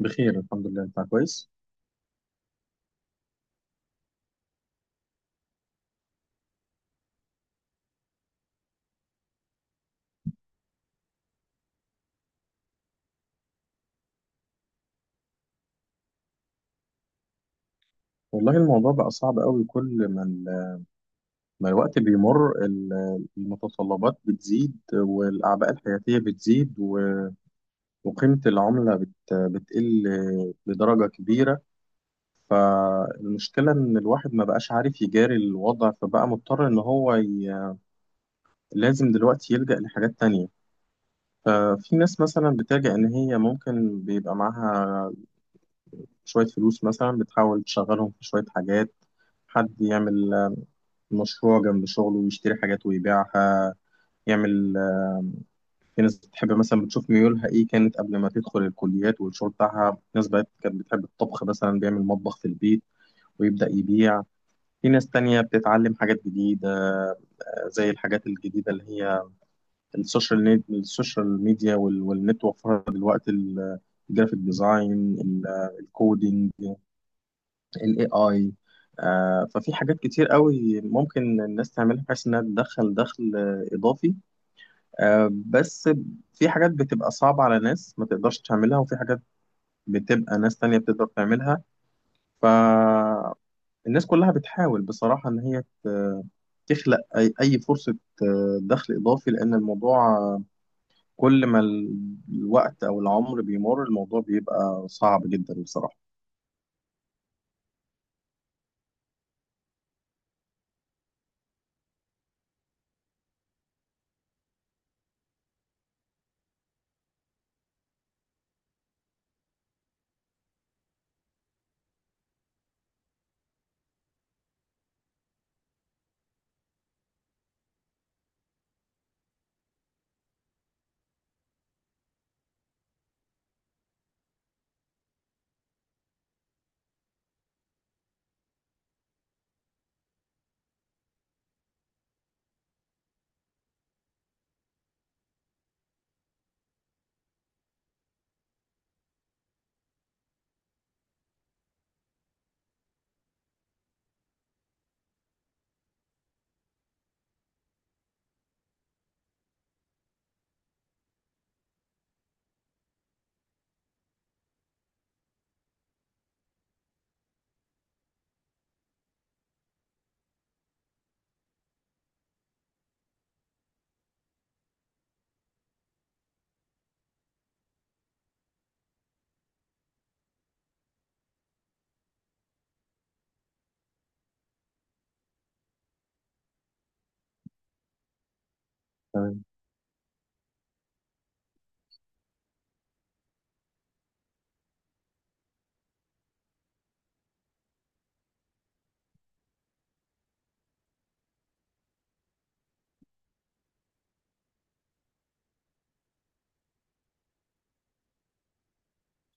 بخير الحمد لله، انت كويس. والله الموضوع بقى صعب قوي. كل ما الوقت بيمر، المتطلبات بتزيد، والأعباء الحياتية بتزيد، وقيمة العملة بتقل بدرجة كبيرة. فالمشكلة إن الواحد ما بقاش عارف يجاري الوضع، فبقى مضطر لازم دلوقتي يلجأ لحاجات تانية. ففي ناس مثلا بتلجأ إن هي ممكن بيبقى معاها شوية فلوس، مثلا بتحاول تشغلهم في شوية حاجات. حد يعمل مشروع جنب شغله ويشتري حاجات ويبيعها، يعمل آه، في ناس بتحب مثلا بتشوف ميولها ايه كانت قبل ما تدخل الكليات والشغل بتاعها. ناس بقت كانت بتحب الطبخ مثلا بيعمل مطبخ في البيت ويبدأ يبيع. في ناس تانية بتتعلم حاجات جديدة، زي الحاجات الجديدة اللي هي السوشيال ميديا والنت وفرها دلوقتي، الجرافيك ديزاين، ال- الكودينج، الاي اي. ففي حاجات كتير قوي ممكن الناس تعملها بحيث انها تدخل دخل اضافي، بس في حاجات بتبقى صعبة على ناس ما تقدرش تعملها، وفي حاجات بتبقى ناس تانية بتقدر تعملها. فالناس كلها بتحاول بصراحة إن هي تخلق أي فرصة دخل إضافي، لأن الموضوع كل ما الوقت أو العمر بيمر الموضوع بيبقى صعب جدا بصراحة. تمام.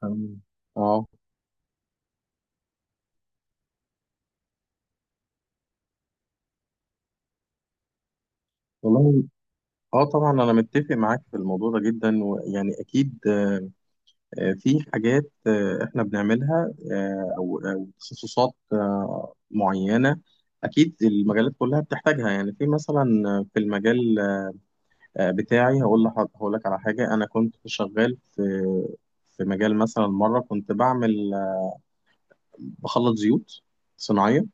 تمام. اه. والله، اه طبعا انا متفق معاك في الموضوع ده جدا، ويعني اكيد في حاجات، احنا بنعملها او تخصصات معينه. اكيد المجالات كلها بتحتاجها، يعني في مثلا في المجال بتاعي. هقول لك على حاجه. انا كنت شغال في مجال مثلا، مره كنت بعمل بخلط زيوت صناعيه،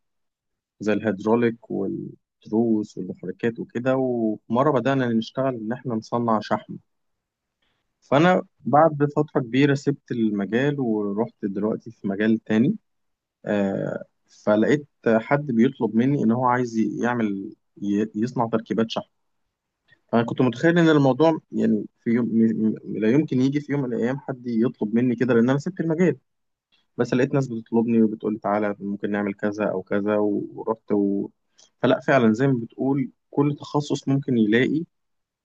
زي الهيدروليك والتروس والمحركات وكده، ومره بدانا نشتغل ان احنا نصنع شحم. فانا بعد فتره كبيره سبت المجال ورحت دلوقتي في مجال تاني، آه، فلقيت حد بيطلب مني ان هو عايز يصنع تركيبات شحن. فانا كنت متخيل ان الموضوع، يعني في يوم لا يمكن يجي في يوم من الايام حد يطلب مني كده، لان انا سبت المجال. بس لقيت ناس بتطلبني وبتقول لي تعالى ممكن نعمل كذا او كذا، ورحت. فلا، فعلا زي ما بتقول، كل تخصص ممكن يلاقي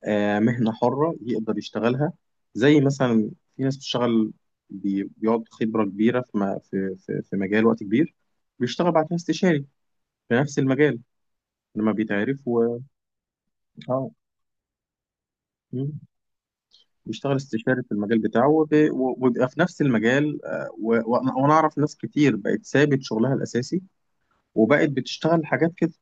مهنة حرة يقدر يشتغلها. زي مثلا في ناس بتشتغل، بيقعد خبرة كبيرة في في مجال وقت كبير، بيشتغل بعد كده استشاري في نفس المجال لما بيتعرف و اه مم. بيشتغل استشاري في المجال بتاعه وبيبقى في نفس المجال، وأنا أعرف ناس كتير بقت سابت شغلها الأساسي وبقت بتشتغل حاجات كده.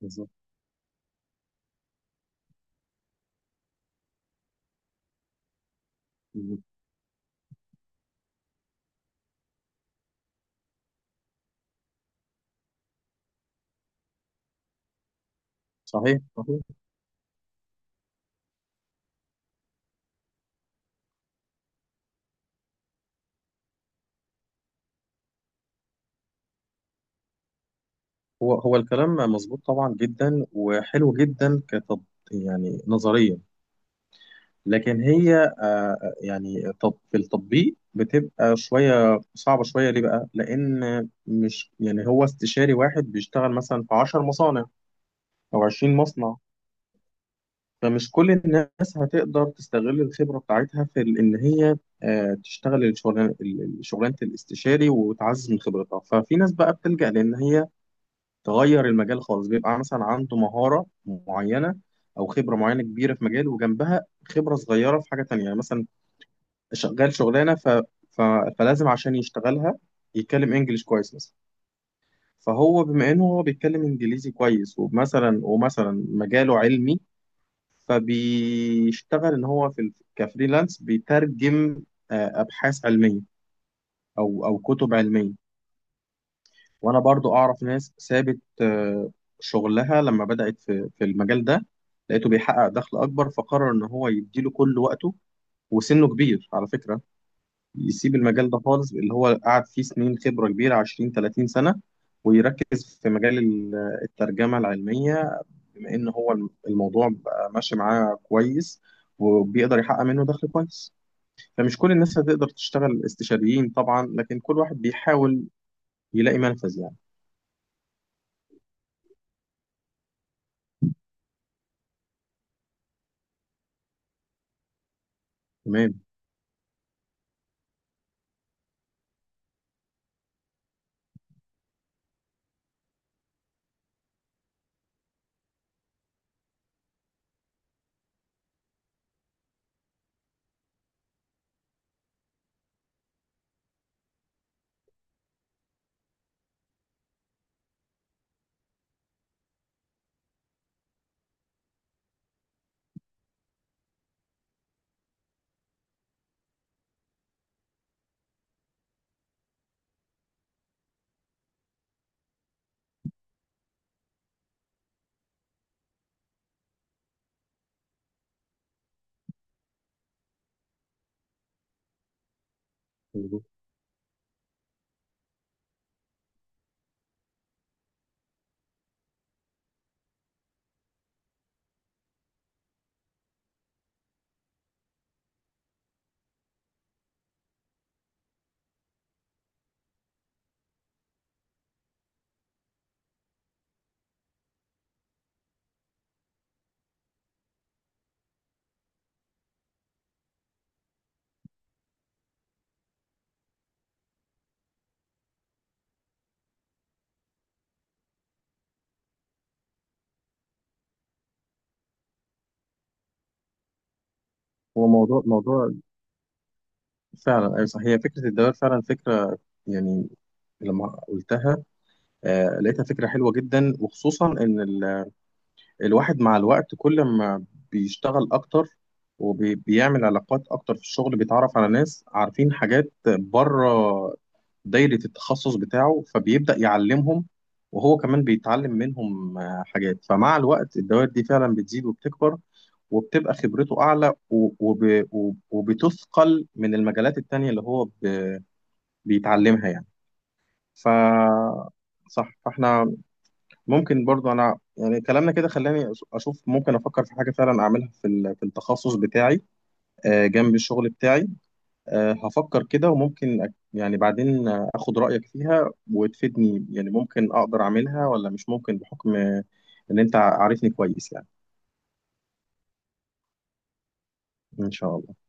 بالظبط. بالظبط. صحيح. صحيح. هو الكلام مظبوط طبعا، جدا وحلو جدا، كتط يعني نظريا. لكن هي يعني في التطبيق بتبقى شوية صعبة شوية. ليه بقى؟ لأن مش يعني هو استشاري واحد بيشتغل مثلا في 10 مصانع أو 20 مصنع. فمش كل الناس هتقدر تستغل الخبرة بتاعتها في إن هي تشتغل الشغلانة شغلانة الاستشاري وتعزز من خبرتها. ففي ناس بقى بتلجأ لأن هي تغير المجال خالص. بيبقى مثلا عنده مهارة معينة، أو خبرة معينة كبيرة في مجال، وجنبها خبرة صغيرة في حاجة تانية. يعني مثلا شغال شغلانة، ف... فلازم عشان يشتغلها يتكلم إنجليش كويس مثلا. فهو بما إنه هو بيتكلم إنجليزي كويس، ومثلا مجاله علمي، فبيشتغل ان هو في كفريلانس بيترجم ابحاث علميه، او كتب علميه. وانا برضو اعرف ناس سابت شغلها لما بدات في المجال ده، لقيته بيحقق دخل اكبر، فقرر ان هو يديله كل وقته، وسنه كبير على فكره. يسيب المجال ده خالص اللي هو قعد فيه سنين خبره كبيره، 20 30 سنه، ويركز في مجال الترجمه العلميه، بما ان هو الموضوع بقى ماشي معاه كويس، وبيقدر يحقق منه دخل كويس. فمش كل الناس هتقدر تشتغل استشاريين طبعا، لكن كل واحد بيحاول يلاقي منفذ يعني. تمام. مظبوط. هو موضوع فعلا. أيوة صح، هي فكرة الدوائر فعلا فكرة يعني، لما قلتها لقيتها فكرة حلوة جدا، وخصوصا إن الواحد مع الوقت كل ما بيشتغل أكتر وبيعمل علاقات أكتر في الشغل، بيتعرف على ناس عارفين حاجات بره دايرة التخصص بتاعه فبيبدأ يعلمهم، وهو كمان بيتعلم منهم حاجات. فمع الوقت الدوائر دي فعلا بتزيد وبتكبر، وبتبقى خبرته أعلى وبتثقل من المجالات التانية اللي هو بيتعلمها يعني. ف صح، فاحنا ممكن برضو، انا يعني كلامنا كده خلاني اشوف ممكن افكر في حاجه فعلا اعملها في في التخصص بتاعي، جنب الشغل بتاعي. هفكر كده، وممكن يعني بعدين اخد رأيك فيها وتفيدني، يعني ممكن اقدر اعملها ولا مش ممكن، بحكم ان انت عارفني كويس يعني. ان شاء الله.